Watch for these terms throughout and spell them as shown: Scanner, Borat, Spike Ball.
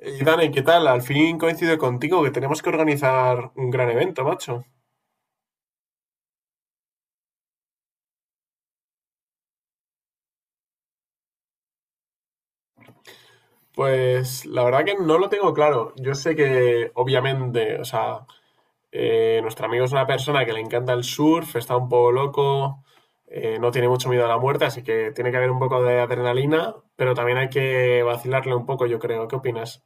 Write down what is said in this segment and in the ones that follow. Y Dani, ¿qué tal? Al fin coincido contigo que tenemos que organizar un gran evento, macho. Pues la verdad que no lo tengo claro. Yo sé que, obviamente, o sea, nuestro amigo es una persona que le encanta el surf, está un poco loco, no tiene mucho miedo a la muerte, así que tiene que haber un poco de adrenalina, pero también hay que vacilarle un poco, yo creo. ¿Qué opinas?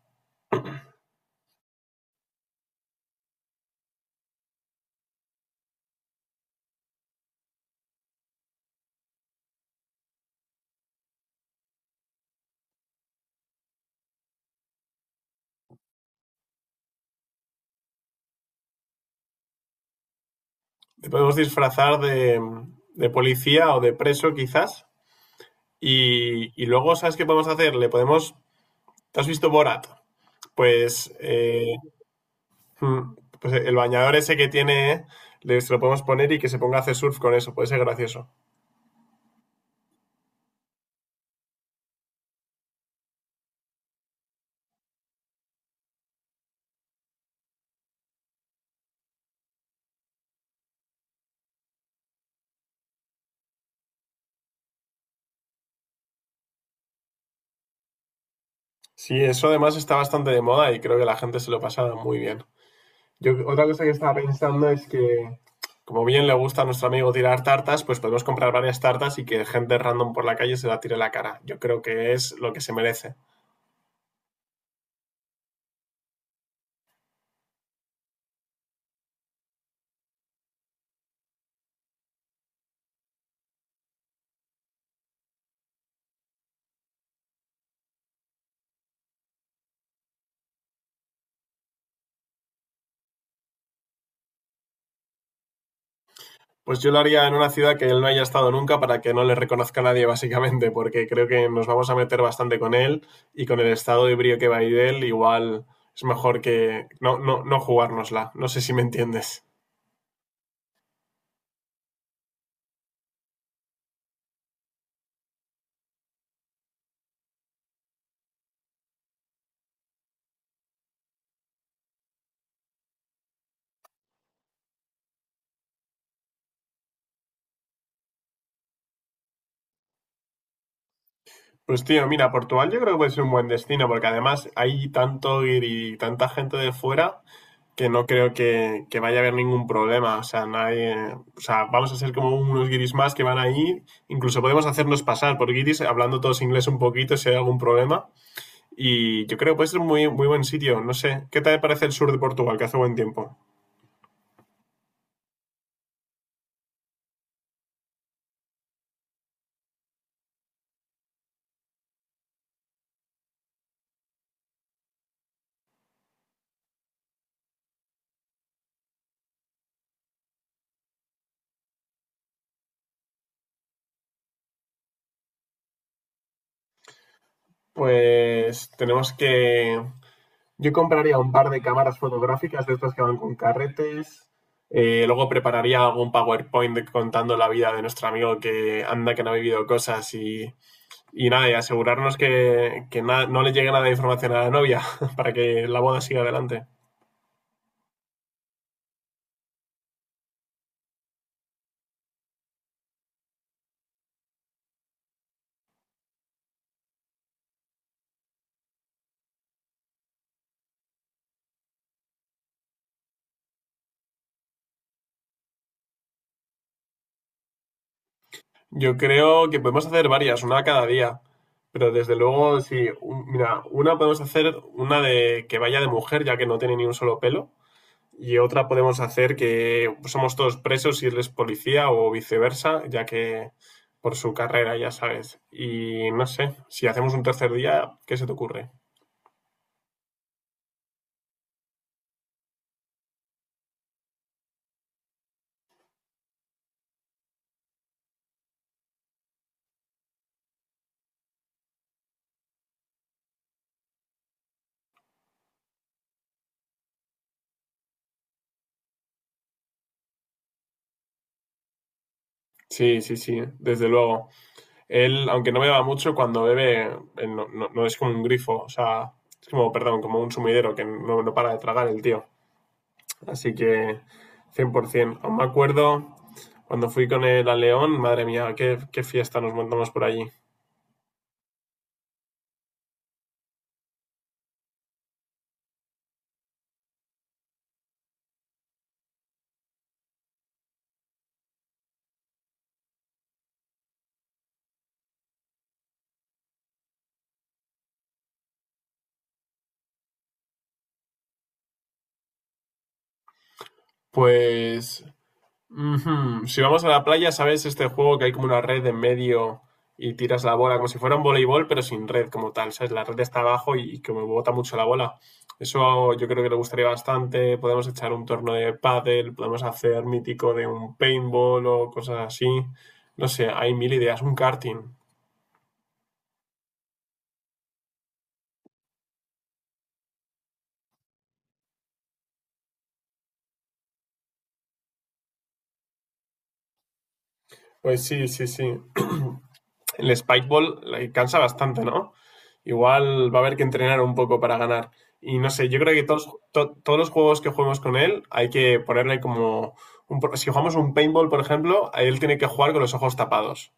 Te podemos disfrazar de policía o de preso, quizás. Y luego, ¿sabes qué podemos hacer? Le podemos... ¿Te has visto Borat? Pues, mm, el bañador ese que tiene, se lo podemos poner y que se ponga a hacer surf con eso, puede ser gracioso. Sí, eso además está bastante de moda y creo que la gente se lo pasa muy bien. Yo otra cosa que estaba pensando es que, como bien le gusta a nuestro amigo tirar tartas, pues podemos comprar varias tartas y que gente random por la calle se la tire en la cara. Yo creo que es lo que se merece. Pues yo lo haría en una ciudad que él no haya estado nunca para que no le reconozca a nadie, básicamente, porque creo que nos vamos a meter bastante con él y con el estado de brío que va a ir él, igual es mejor que no, no, no jugárnosla. No sé si me entiendes. Pues tío, mira, Portugal yo creo que puede ser un buen destino, porque además hay tanto ir y tanta gente de fuera que no creo que vaya a haber ningún problema. O sea, nadie, o sea, vamos a ser como unos guiris más que van ahí. Incluso podemos hacernos pasar por guiris hablando todos inglés un poquito si hay algún problema. Y yo creo que puede ser un muy, muy buen sitio. No sé, ¿qué tal te parece el sur de Portugal, que hace buen tiempo? Pues tenemos que... Yo compraría un par de cámaras fotográficas de estas que van con carretes. Luego prepararía algún PowerPoint contando la vida de nuestro amigo que anda, que no ha vivido cosas y nada, y asegurarnos que no le llegue nada de información a la novia para que la boda siga adelante. Yo creo que podemos hacer varias, una cada día. Pero desde luego, sí, mira, una podemos hacer una de que vaya de mujer, ya que no tiene ni un solo pelo. Y otra podemos hacer que somos todos presos y él es policía o viceversa, ya que por su carrera, ya sabes. Y no sé, si hacemos un tercer día, ¿qué se te ocurre? Sí, sí, sí, desde luego. Él, aunque no beba mucho, cuando bebe, él no, no es como un grifo, o sea, es como, perdón, como un sumidero que no para de tragar el tío. Así que 100%. Aún me acuerdo cuando fui con él a León, madre mía, qué, qué fiesta nos montamos por allí. Pues ujú, si vamos a la playa, ¿sabes este juego que hay como una red en medio y tiras la bola como si fuera un voleibol, pero sin red como tal, ¿sabes? La red está abajo y como bota mucho la bola. Eso yo creo que le gustaría bastante. Podemos echar un torneo de pádel, podemos hacer mítico de un paintball o cosas así. No sé, hay mil ideas, un karting. Pues sí, sí, sí. El Spike Ball le cansa bastante, ¿no? Igual va a haber que entrenar un poco para ganar. Y no sé, yo creo que todos los juegos que juguemos con él hay que ponerle como... si jugamos un paintball, por ejemplo, él tiene que jugar con los ojos tapados.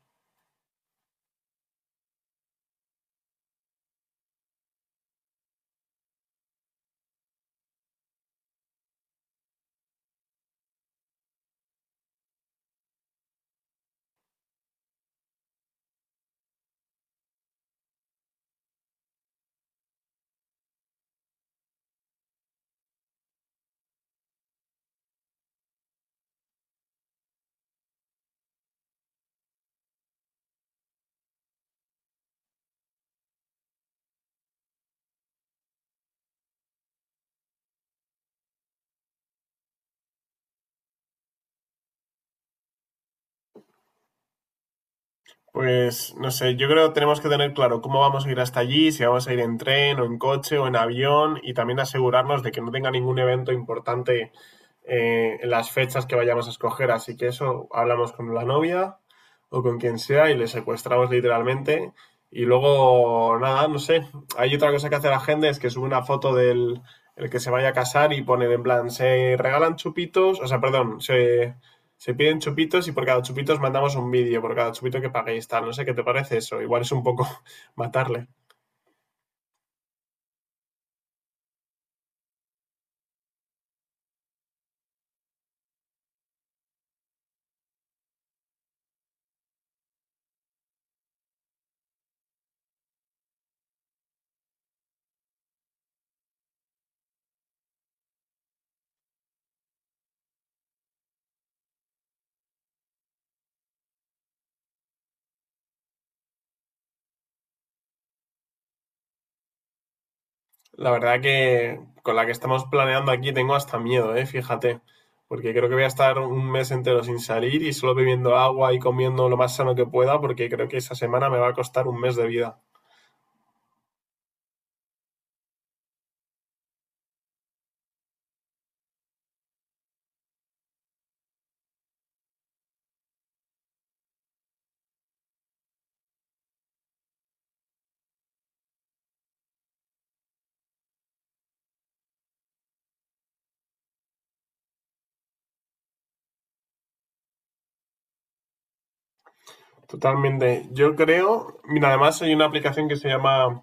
Pues no sé, yo creo que tenemos que tener claro cómo vamos a ir hasta allí, si vamos a ir en tren o en coche o en avión y también asegurarnos de que no tenga ningún evento importante en las fechas que vayamos a escoger. Así que eso hablamos con la novia o con quien sea y le secuestramos literalmente. Y luego, nada, no sé, hay otra cosa que hace la gente es que sube una foto del el que se vaya a casar y pone en plan, se regalan chupitos, o sea, perdón, se piden chupitos y por cada chupito os mandamos un vídeo, por cada chupito que paguéis, tal. No sé qué te parece eso. Igual es un poco matarle. La verdad que con la que estamos planeando aquí tengo hasta miedo, ¿eh? Fíjate. Porque creo que voy a estar un mes entero sin salir y solo bebiendo agua y comiendo lo más sano que pueda, porque creo que esa semana me va a costar un mes de vida. Totalmente. Yo creo, mira, además hay una aplicación que se llama,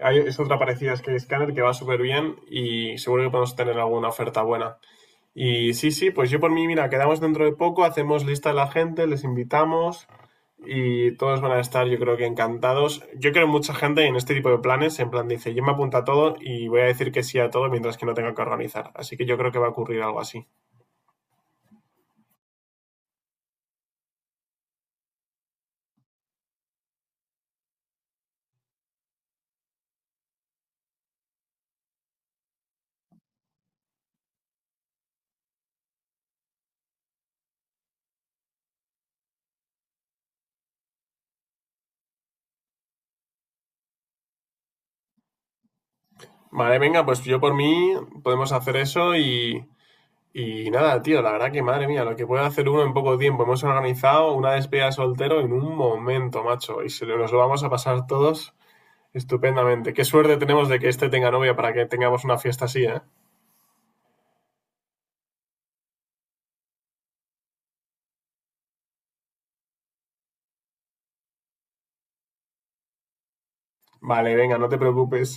es otra parecida a Scanner que va súper bien y seguro que podemos tener alguna oferta buena. Y sí, sí, pues yo por mí, mira, quedamos dentro de poco, hacemos lista de la gente, les invitamos y todos van a estar, yo creo que encantados. Yo creo mucha gente en este tipo de planes, en plan dice, yo me apunto a todo y voy a decir que sí a todo mientras que no tenga que organizar. Así que yo creo que va a ocurrir algo así. Vale, venga, pues yo por mí podemos hacer eso y nada, tío, la verdad que madre mía, lo que puede hacer uno en poco tiempo. Hemos organizado una despedida de soltero en un momento, macho, y nos lo vamos a pasar todos estupendamente. Qué suerte tenemos de que este tenga novia para que tengamos una fiesta así, ¿eh? Vale, venga, no te preocupes.